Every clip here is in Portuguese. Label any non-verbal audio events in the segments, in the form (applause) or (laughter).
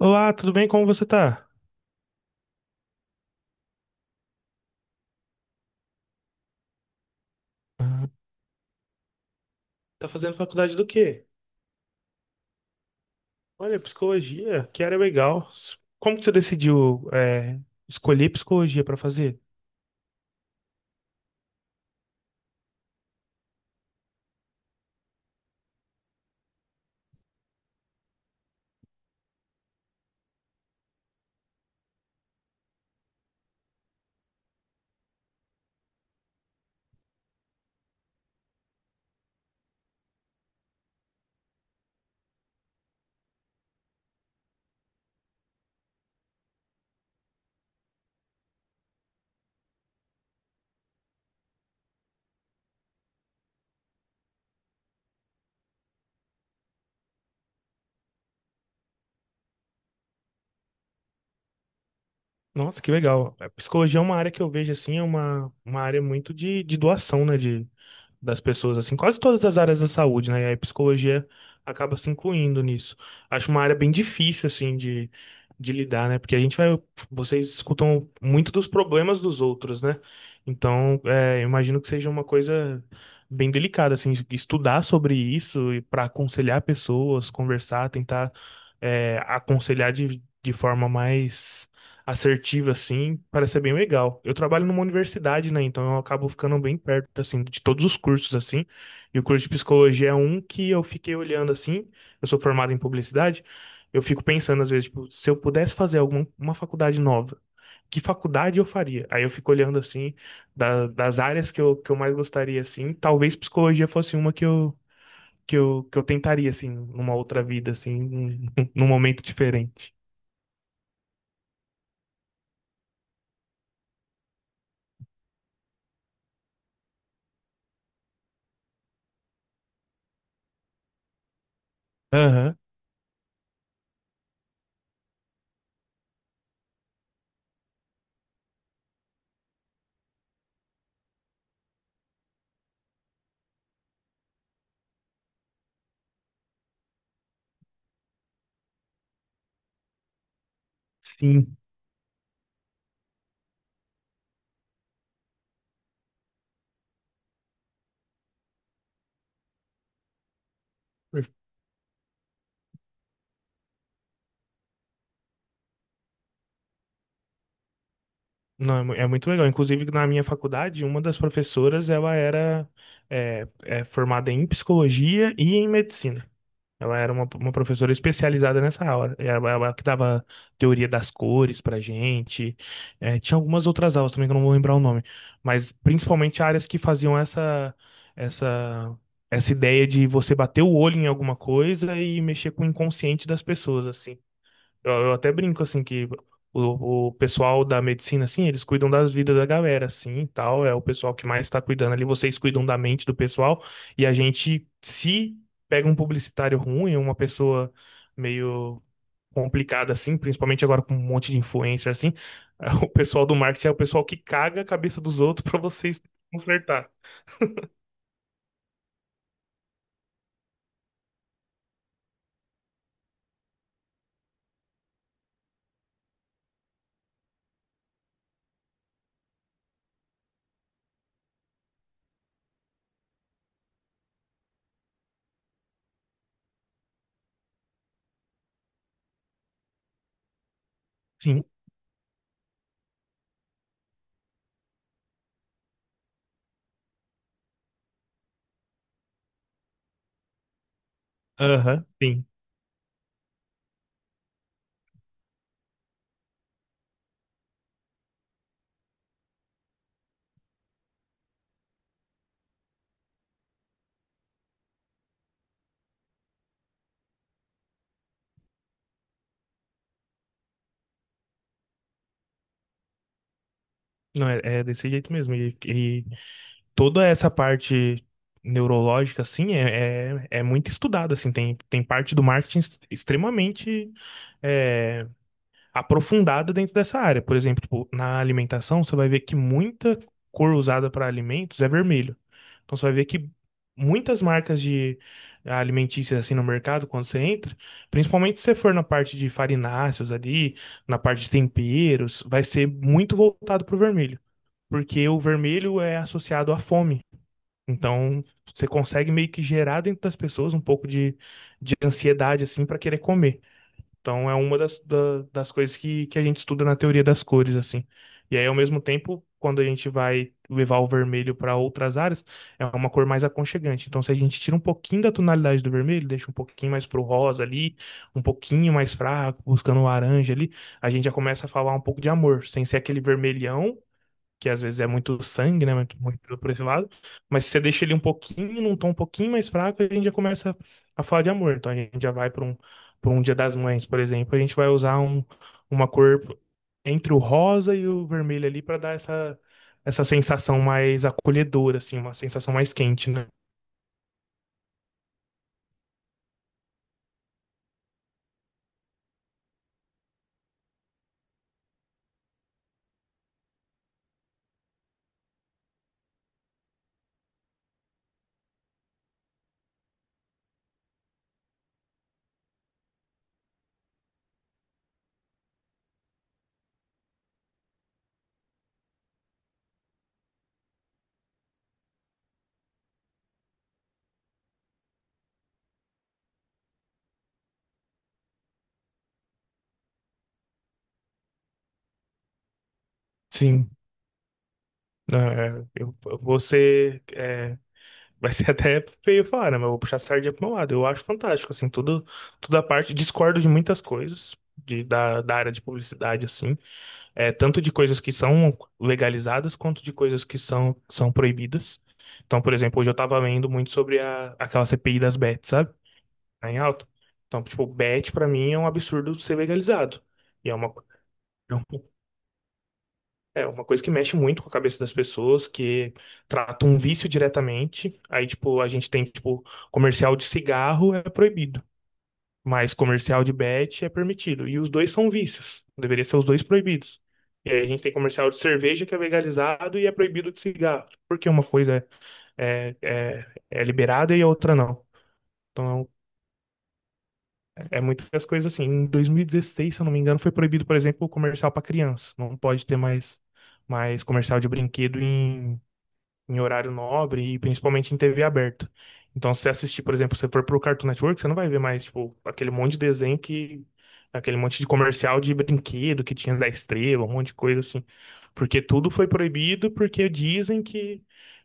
Olá, tudo bem? Como você tá? Tá fazendo faculdade do quê? Olha, psicologia, que área legal. Como que você decidiu, escolher psicologia para fazer? Nossa, que legal. A psicologia é uma área que eu vejo assim, é uma área muito de doação, né? De das pessoas, assim, quase todas as áreas da saúde, né? E aí a psicologia acaba se incluindo nisso. Acho uma área bem difícil, assim, de lidar, né? Porque a gente vai, vocês escutam muito dos problemas dos outros, né? Então, eu imagino que seja uma coisa bem delicada, assim, estudar sobre isso e para aconselhar pessoas, conversar, tentar, aconselhar de forma mais assertiva, assim, parece ser bem legal. Eu trabalho numa universidade, né? Então eu acabo ficando bem perto, assim, de todos os cursos, assim. E o curso de psicologia é um que eu fiquei olhando, assim. Eu sou formado em publicidade. Eu fico pensando, às vezes, tipo, se eu pudesse fazer alguma uma faculdade nova, que faculdade eu faria? Aí eu fico olhando, assim, das áreas que eu mais gostaria, assim. Talvez psicologia fosse uma que eu, que eu tentaria, assim, numa outra vida, assim, num, (laughs) num momento diferente. Aham, sim. Não, é muito legal. Inclusive, na minha faculdade, uma das professoras, ela era formada em psicologia e em medicina. Ela era uma professora especializada nessa aula. Ela que dava teoria das cores pra gente. É, tinha algumas outras aulas também que eu não vou lembrar o nome. Mas principalmente áreas que faziam essa, essa ideia de você bater o olho em alguma coisa e mexer com o inconsciente das pessoas, assim. Eu até brinco, assim, que o pessoal da medicina, assim, eles cuidam das vidas da galera, assim, e tal. É o pessoal que mais tá cuidando ali. Vocês cuidam da mente do pessoal. E a gente, se pega um publicitário ruim, uma pessoa meio complicada, assim, principalmente agora com um monte de influencer, assim, (laughs) o pessoal do marketing é o pessoal que caga a cabeça dos outros pra vocês consertar. Sim, aham, sim. Não, é desse jeito mesmo. E, toda essa parte neurológica, assim, é muito estudada, assim, tem parte do marketing extremamente é, aprofundada dentro dessa área. Por exemplo, tipo, na alimentação, você vai ver que muita cor usada para alimentos é vermelho. Então, você vai ver que muitas marcas de alimentícias, assim, no mercado, quando você entra, principalmente se você for na parte de farináceos ali, na parte de temperos, vai ser muito voltado para o vermelho. Porque o vermelho é associado à fome. Então, você consegue meio que gerar dentro das pessoas um pouco de ansiedade, assim, para querer comer. Então, é uma das coisas que a gente estuda na teoria das cores, assim. E aí, ao mesmo tempo, quando a gente vai levar o vermelho para outras áreas, é uma cor mais aconchegante. Então, se a gente tira um pouquinho da tonalidade do vermelho, deixa um pouquinho mais pro rosa ali, um pouquinho mais fraco, buscando o laranja ali, a gente já começa a falar um pouco de amor, sem ser aquele vermelhão que às vezes é muito sangue, né? Muito, muito por esse lado. Mas se você deixa ele um pouquinho, num tom um pouquinho mais fraco, a gente já começa a falar de amor. Então a gente já vai para um Dia das Mães, por exemplo. A gente vai usar um, uma cor entre o rosa e o vermelho ali para dar essa, essa sensação mais acolhedora, assim, uma sensação mais quente, né? Sim. É, eu, você. é, Vai ser (laughs) até feio falar, né? Mas eu vou puxar a sardinha pro meu lado. Eu acho fantástico, assim, tudo, toda a parte. Discordo de muitas coisas da área de publicidade, assim. É, tanto de coisas que são legalizadas, quanto de coisas que são proibidas. Então, por exemplo, hoje eu tava lendo muito sobre a, aquela CPI das bets, sabe? Tá em alta. Então, tipo, bet pra mim é um absurdo ser legalizado. E é uma. (laughs) É uma coisa que mexe muito com a cabeça das pessoas, que trata um vício diretamente. Aí, tipo, a gente tem, tipo, comercial de cigarro é proibido, mas comercial de bet é permitido. E os dois são vícios. Deveria ser os dois proibidos. E aí a gente tem comercial de cerveja que é legalizado e é proibido de cigarro. Porque uma coisa é, é, é liberada e a outra não. Então, é muitas coisas assim. Em 2016, se eu não me engano, foi proibido, por exemplo, o comercial para criança. Não pode ter mais, mais comercial de brinquedo em horário nobre e principalmente em TV aberta. Então, se você assistir, por exemplo, se você for pro Cartoon Network, você não vai ver mais, tipo, aquele monte de desenho que... Aquele monte de comercial de brinquedo que tinha da Estrela, um monte de coisa assim. Porque tudo foi proibido porque dizem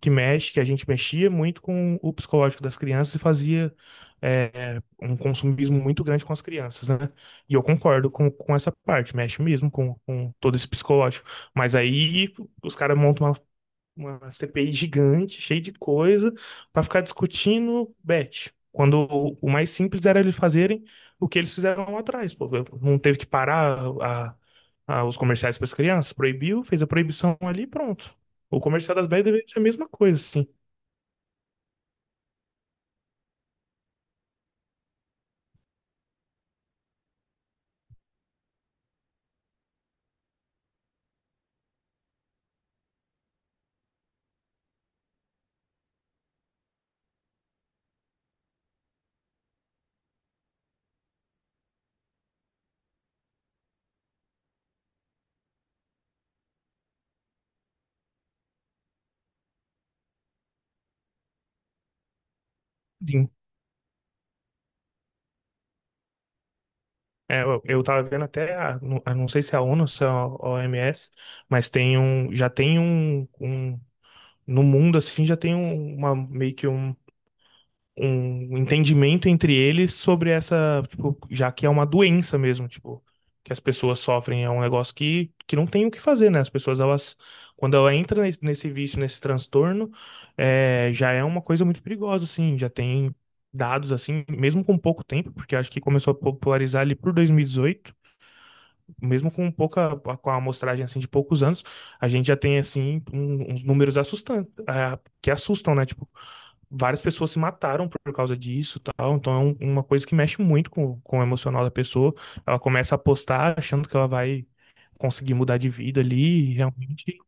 que mexe, que a gente mexia muito com o psicológico das crianças e fazia um consumismo muito grande com as crianças, né? E eu concordo com essa parte, mexe mesmo com todo esse psicológico. Mas aí os caras montam uma CPI gigante, cheia de coisa, para ficar discutindo bet. Quando o mais simples era eles fazerem o que eles fizeram lá atrás, pô, não teve que parar a, os comerciais para as crianças, proibiu, fez a proibição ali, e pronto. O comercial das bets deveria ser a mesma coisa, sim. Sim. Eu tava vendo até, não, eu não sei se é a ONU ou se é a OMS, mas tem um, já tem no mundo assim, já tem um- uma meio que um um entendimento entre eles sobre essa, tipo, já que é uma doença mesmo, tipo, que as pessoas sofrem, é um negócio que não tem o que fazer, né? As pessoas, elas, quando ela entra nesse vício, nesse transtorno, já é uma coisa muito perigosa, assim, já tem dados, assim, mesmo com pouco tempo, porque acho que começou a popularizar ali por 2018, mesmo com pouca, com a amostragem, assim, de poucos anos, a gente já tem, assim, um- uns números assustantes, ah, que assustam, né? Tipo, várias pessoas se mataram por causa disso, tal. Então é um- uma coisa que mexe muito com o emocional da pessoa. Ela começa a apostar achando que ela vai conseguir mudar de vida ali, e realmente.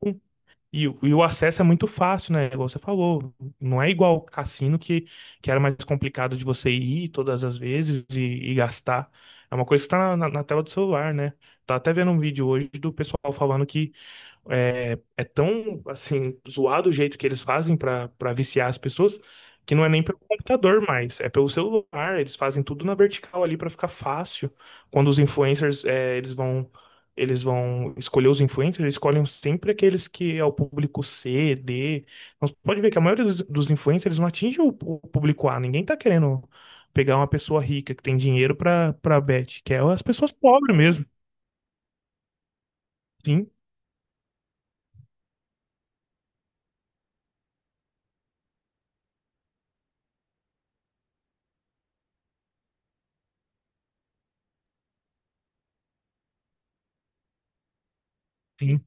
E, e o acesso é muito fácil, né? Igual você falou, não é igual o cassino que era mais complicado de você ir todas as vezes e gastar. É uma coisa que tá na, na tela do celular, né? Tá até vendo um vídeo hoje do pessoal falando que é tão, assim, zoado o jeito que eles fazem para viciar as pessoas, que não é nem pelo computador mais, é pelo celular. Eles fazem tudo na vertical ali para ficar fácil. Quando os influencers, eles vão escolher os influencers, eles escolhem sempre aqueles que é o público C, D. Então, você pode ver que a maioria dos influencers eles não atinge o público A. Ninguém tá querendo pegar uma pessoa rica que tem dinheiro para bet, que é as pessoas pobres mesmo. Sim, sim.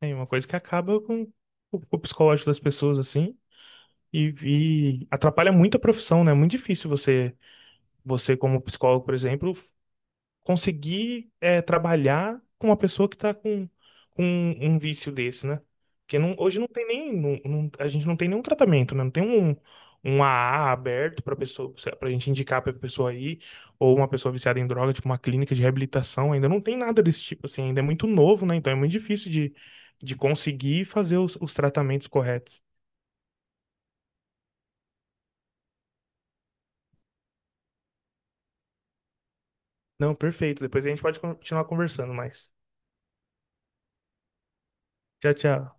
É uma coisa que acaba com o psicológico das pessoas, assim, e, e atrapalha muito a profissão, né? É muito difícil você, você como psicólogo, por exemplo, conseguir é, trabalhar com uma pessoa que está com um vício desse, né? Porque hoje não tem nem, a gente não tem nenhum tratamento, né? Não tem um, um AA aberto para pessoa, para gente indicar para pessoa aí, ou uma pessoa viciada em droga, tipo uma clínica de reabilitação, ainda não tem nada desse tipo, assim, ainda é muito novo, né? Então é muito difícil de conseguir fazer os tratamentos corretos. Não, perfeito. Depois a gente pode continuar conversando mais. Tchau, tchau.